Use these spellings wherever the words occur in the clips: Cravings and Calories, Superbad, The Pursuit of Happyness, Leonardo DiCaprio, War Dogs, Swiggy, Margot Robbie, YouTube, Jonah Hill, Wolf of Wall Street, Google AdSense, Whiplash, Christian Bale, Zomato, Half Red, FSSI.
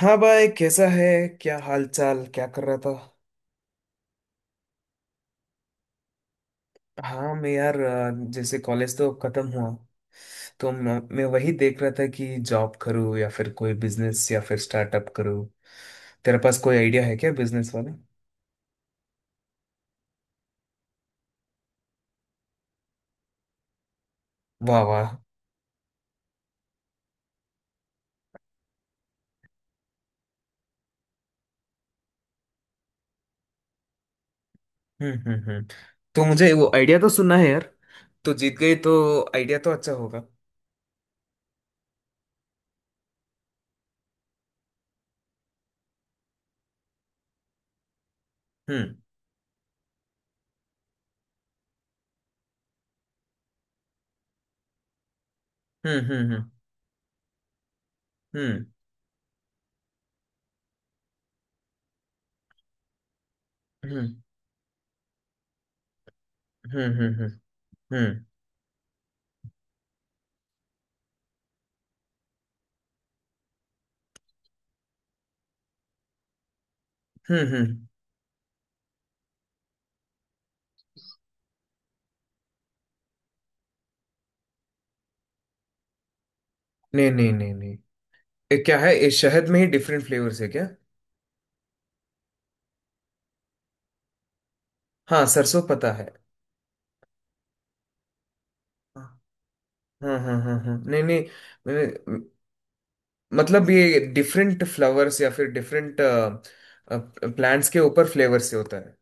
हाँ भाई, कैसा है? क्या हाल चाल? क्या कर रहा था? हाँ मैं यार जैसे कॉलेज तो खत्म हुआ। तो मैं वही देख रहा था कि जॉब करूँ या फिर कोई बिजनेस या फिर स्टार्टअप करूँ। तेरे पास कोई आइडिया है क्या, बिजनेस वाला? वाह वाह। हम्म, हम्म, हम्म। तो मुझे वो आइडिया तो सुनना है यार। तो जीत गई तो। आइडिया तो अच्छा होगा। हम्म, हम्म, हम्म, हम्म, हम्म, हम्म, हम्म, हम्म, हम्म, हम्म, नहीं, नहीं, नहीं, नहीं। ये क्या है? ये शहद में ही डिफरेंट फ्लेवर्स है क्या? हाँ, सरसों पता है। हाँ, हाँ, हाँ, हाँ, हाँ। नहीं, नहीं। मैंने- मतलब ये डिफरेंट फ्लावर्स या फिर डिफरेंट प्लांट्स के ऊपर फ्लेवर से होता है।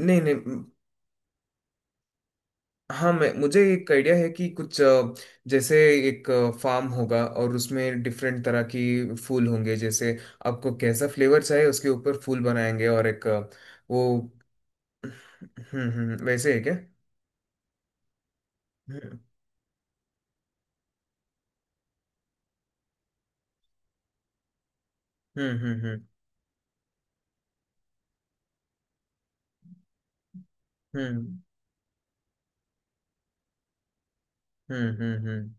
नहीं, नहीं, हाँ, मैं मुझे एक आइडिया है कि कुछ जैसे एक फार्म होगा, और उसमें डिफरेंट तरह की फूल होंगे, जैसे आपको कैसा फ्लेवर चाहिए उसके ऊपर फूल बनाएंगे, और एक अ, वो हम्म, हम्म, वैसे है क्या? हम्म, हम्म, हम्म, हम्म, हम्म, हम्म, हम्म, हम्म,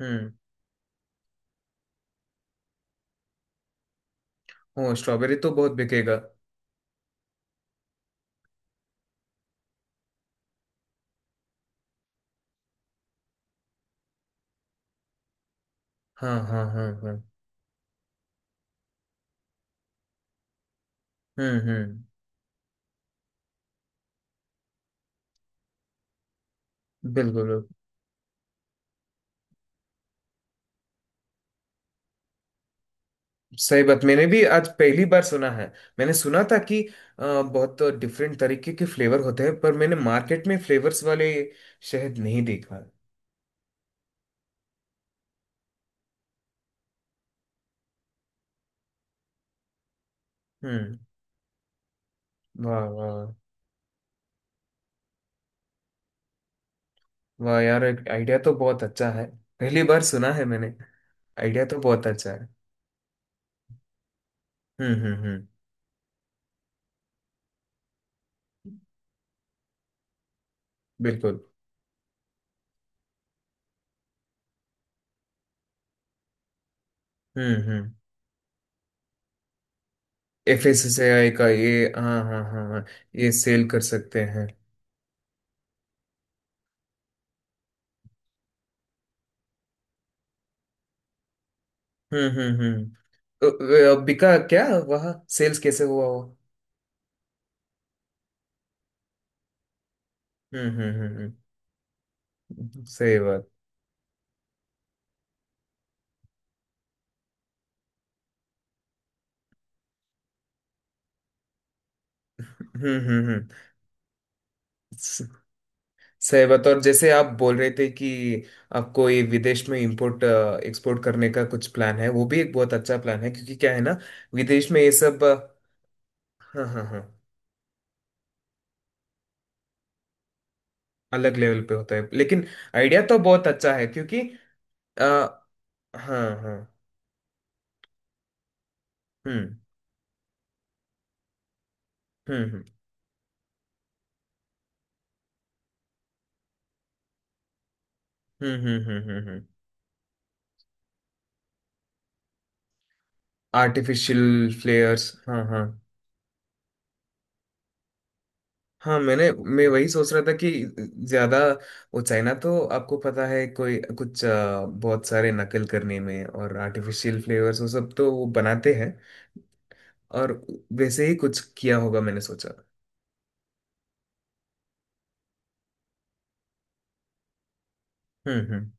हम्म। हाँ, स्ट्रॉबेरी तो बहुत बिकेगा। हाँ, हाँ, हाँ, हाँ। हम्म, हम्म। बिल्कुल बिल्कुल। सही बात, मैंने भी आज पहली बार सुना है। मैंने सुना था कि बहुत डिफरेंट तरीके के फ्लेवर होते हैं, पर मैंने मार्केट में फ्लेवर्स वाले शहद नहीं देखा। हम्म। वाह वाह। वाह यार, आइडिया तो बहुत अच्छा है। पहली बार सुना है मैंने। आइडिया तो बहुत अच्छा है। हम्म, हम्म, हम्म। बिल्कुल। हम्म, हम्म। FSSAI का ये, हाँ, हाँ, हाँ, हाँ। ये सेल कर सकते हैं। हम्म, हम्म, हम्म। बिका क्या वहाँ? सेल्स कैसे हुआ वो? हम्म, हम्म, हम्म, सही बात। हम्म, हम्म, हम्म। स- सही बात, और जैसे आप बोल रहे थे कि आपको ये विदेश में इंपोर्ट एक्सपोर्ट करने का कुछ प्लान है, वो भी एक बहुत अच्छा प्लान है। क्योंकि क्या है ना, विदेश में ये सब हाँ, हाँ, हाँ, अलग लेवल पे होता है, लेकिन आइडिया तो बहुत अच्छा है क्योंकि आ, हाँ, हाँ। हम्म, हम्म, हम्म, हम्म, हम्म, हम्म। आर्टिफिशियल फ्लेयर्स, हाँ, हाँ। हाँ, मैं वही सोच रहा था कि ज्यादा, वो चाइना तो आपको पता है कोई कुछ बहुत सारे नकल करने में और आर्टिफिशियल फ्लेवर्स वो सब तो वो बनाते हैं। और वैसे ही कुछ किया होगा, मैंने सोचा। हम्म, हम्म,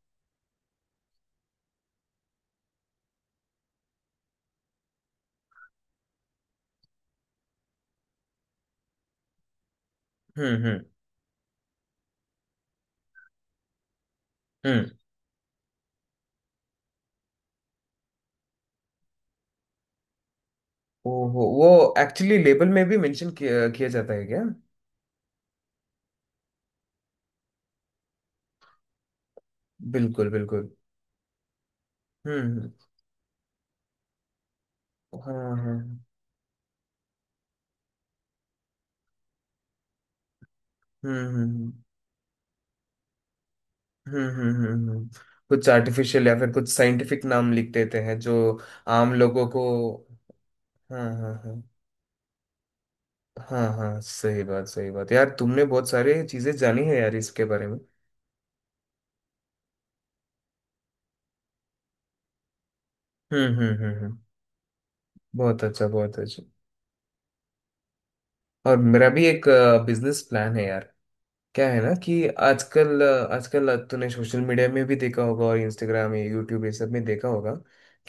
हम्म, हम्म, हम्म। ओहो, वो एक्चुअली लेबल में भी मेंशन किया जाता है क्या? बिल्कुल बिल्कुल। हम्म, हाँ, हाँ। हम्म, हम्म, हम्म, हम्म, हम्म, कुछ आर्टिफिशियल या फिर कुछ साइंटिफिक नाम लिख देते हैं जो आम लोगों को। हाँ, हाँ, हाँ, हाँ, हाँ, सही बात, सही बात। यार तुमने बहुत सारी चीजें जानी है यार इसके बारे में। हम्म, हम्म, हम्म, बहुत अच्छा बहुत अच्छा। और मेरा भी एक बिजनेस प्लान है यार। क्या है ना कि आजकल, आजकल तूने सोशल मीडिया में भी देखा होगा, और इंस्टाग्राम या यूट्यूब ये सब में देखा होगा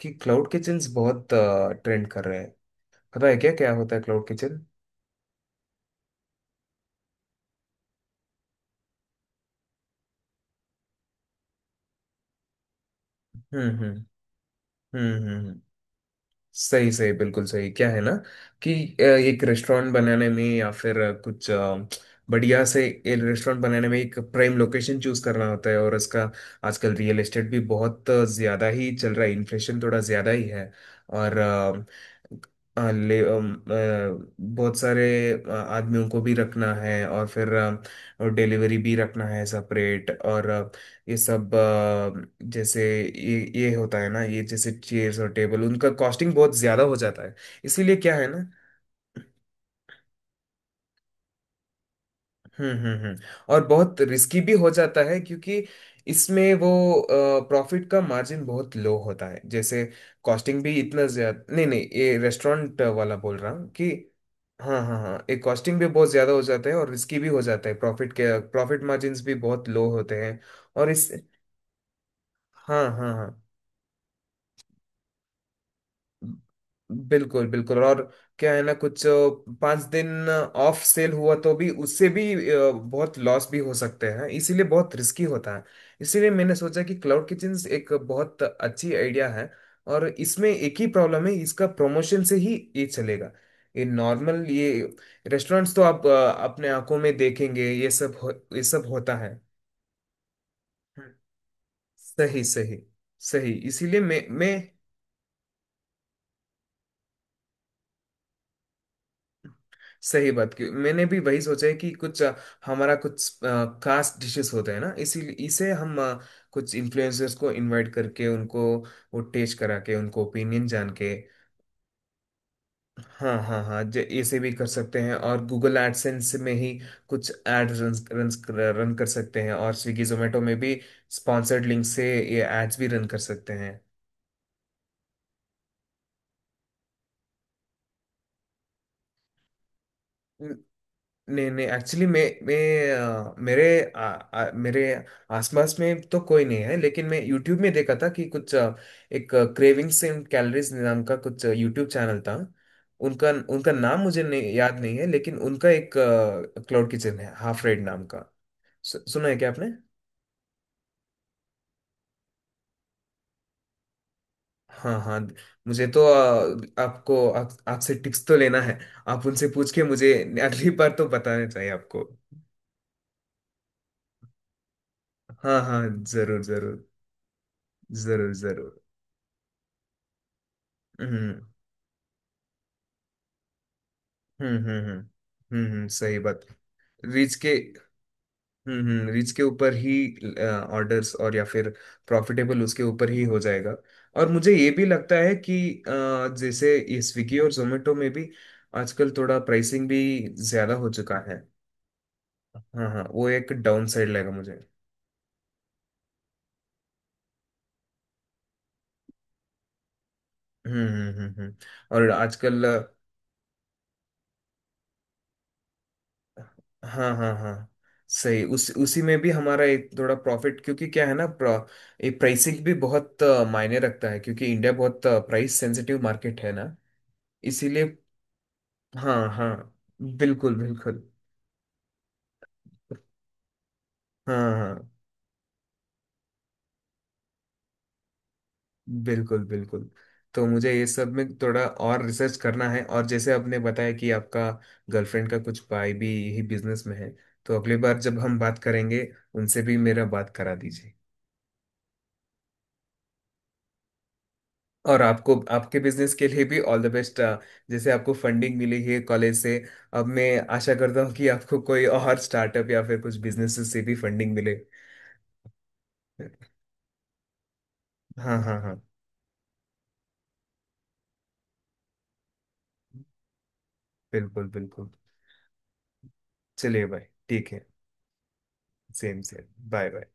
कि क्लाउड किचन्स बहुत ट्रेंड कर रहे हैं। पता है क्या क्या होता है क्लाउड किचन? हम्म, हम्म, हम्म, हम्म, सही, सही, बिल्कुल सही। क्या है ना कि एक रेस्टोरेंट बनाने में, या फिर कुछ बढ़िया से एक रेस्टोरेंट बनाने में एक प्राइम लोकेशन चूज करना होता है, और इसका आजकल रियल एस्टेट भी बहुत ज्यादा ही चल रहा है, इन्फ्लेशन थोड़ा ज्यादा ही है। और बहुत सारे आदमियों को भी रखना है, और फिर और डिलीवरी भी रखना है सेपरेट, और ये सब जैसे ये होता है ना, ये जैसे चेयर्स और टेबल उनका कॉस्टिंग बहुत ज्यादा हो जाता है, इसीलिए क्या है ना। हम्म, हम्म, हम्म। और बहुत रिस्की भी हो जाता है, क्योंकि इसमें वो प्रॉफिट का मार्जिन बहुत लो होता है। जैसे कॉस्टिंग भी इतना ज्यादा नहीं, नहीं ये रेस्टोरेंट वाला बोल रहा हूँ कि हाँ, हाँ, हाँ, ये कॉस्टिंग भी बहुत ज्यादा हो जाता है, और रिस्की भी हो जाता है, प्रॉफिट मार्जिन्स भी बहुत लो होते हैं। और इस हाँ, हाँ, हाँ, बिल्कुल बिल्कुल। और क्या है ना, कुछ 5 दिन ऑफ सेल हुआ तो भी, उससे भी बहुत लॉस भी हो सकते हैं, इसीलिए बहुत रिस्की होता है। इसीलिए मैंने सोचा कि क्लाउड किचन एक बहुत अच्छी आइडिया है। और इसमें एक ही प्रॉब्लम है, इसका प्रमोशन से ही ये चलेगा। ये नॉर्मल ये रेस्टोरेंट्स तो आप अपने आंखों में देखेंगे, ये सब होता है। हम्म। सही, सही, सही। इसीलिए मैं सही बात की मैंने भी वही सोचा है कि कुछ हमारा कुछ खास डिशेस होते हैं ना इसी, इसे हम कुछ इन्फ्लुएंसर्स को इनवाइट करके, उनको वो टेस्ट करा के, उनको ओपिनियन जान के हाँ, हाँ, हाँ, जे ऐसे भी कर सकते हैं, और गूगल एडसेंस में ही कुछ एड रन रन रन कर सकते हैं, और स्विगी जोमेटो में भी स्पॉन्सर्ड लिंक से ये एड्स भी रन कर सकते हैं। नहीं, नहीं, एक्चुअली मैं मेरे आसपास में तो कोई नहीं है, लेकिन मैं यूट्यूब में देखा था कि कुछ एक क्रेविंग्स एंड कैलोरीज नाम का कुछ यूट्यूब चैनल था। उनका उनका नाम मुझे नहीं याद नहीं है, लेकिन उनका एक क्लाउड किचन है हाफ रेड नाम का। सुना है क्या आपने? हाँ, हाँ। मुझे तो आपसे टिप्स तो लेना है। आप उनसे पूछ के मुझे अगली बार तो बताना चाहिए आपको। हाँ, हाँ। जरूर जरूर, जरूर जरूर। हम्म, हम्म, हम्म, हम्म, हम्म, सही बात। रीच के हम्म, हम्म, रीच के ऊपर ही ऑर्डर्स और या फिर प्रॉफिटेबल उसके ऊपर ही हो जाएगा। और मुझे ये भी लगता है कि अ, जैसे ये स्विगी और जोमेटो में भी आजकल थोड़ा प्राइसिंग भी ज्यादा हो चुका है। हाँ, हाँ, वो एक डाउन साइड लगेगा मुझे। हम्म, हम्म, हम्म, और आजकल, हाँ, हाँ, हाँ, सही उस उसी में भी हमारा एक थोड़ा प्रॉफिट, क्योंकि क्या है ना ये प्राइसिंग भी बहुत मायने रखता है, क्योंकि इंडिया बहुत प्राइस सेंसिटिव मार्केट है ना। इसीलिए, हाँ, हाँ, बिल्कुल बिल्कुल, हाँ, हाँ, बिल्कुल बिल्कुल। तो मुझे ये सब में थोड़ा और रिसर्च करना है, और जैसे आपने बताया कि आपका गर्लफ्रेंड का कुछ भाई भी यही बिजनेस में है, तो अगली बार जब हम बात करेंगे उनसे भी मेरा बात करा दीजिए। और आपको आपके बिजनेस के लिए भी ऑल द बेस्ट। जैसे आपको फंडिंग मिली है कॉलेज से, अब मैं आशा करता हूँ कि आपको कोई और स्टार्टअप या फिर कुछ बिजनेस से भी फंडिंग मिले। हाँ, हाँ, हाँ। बिल्कुल बिल्कुल। चलिए भाई। ठीक है। Same same, bye bye.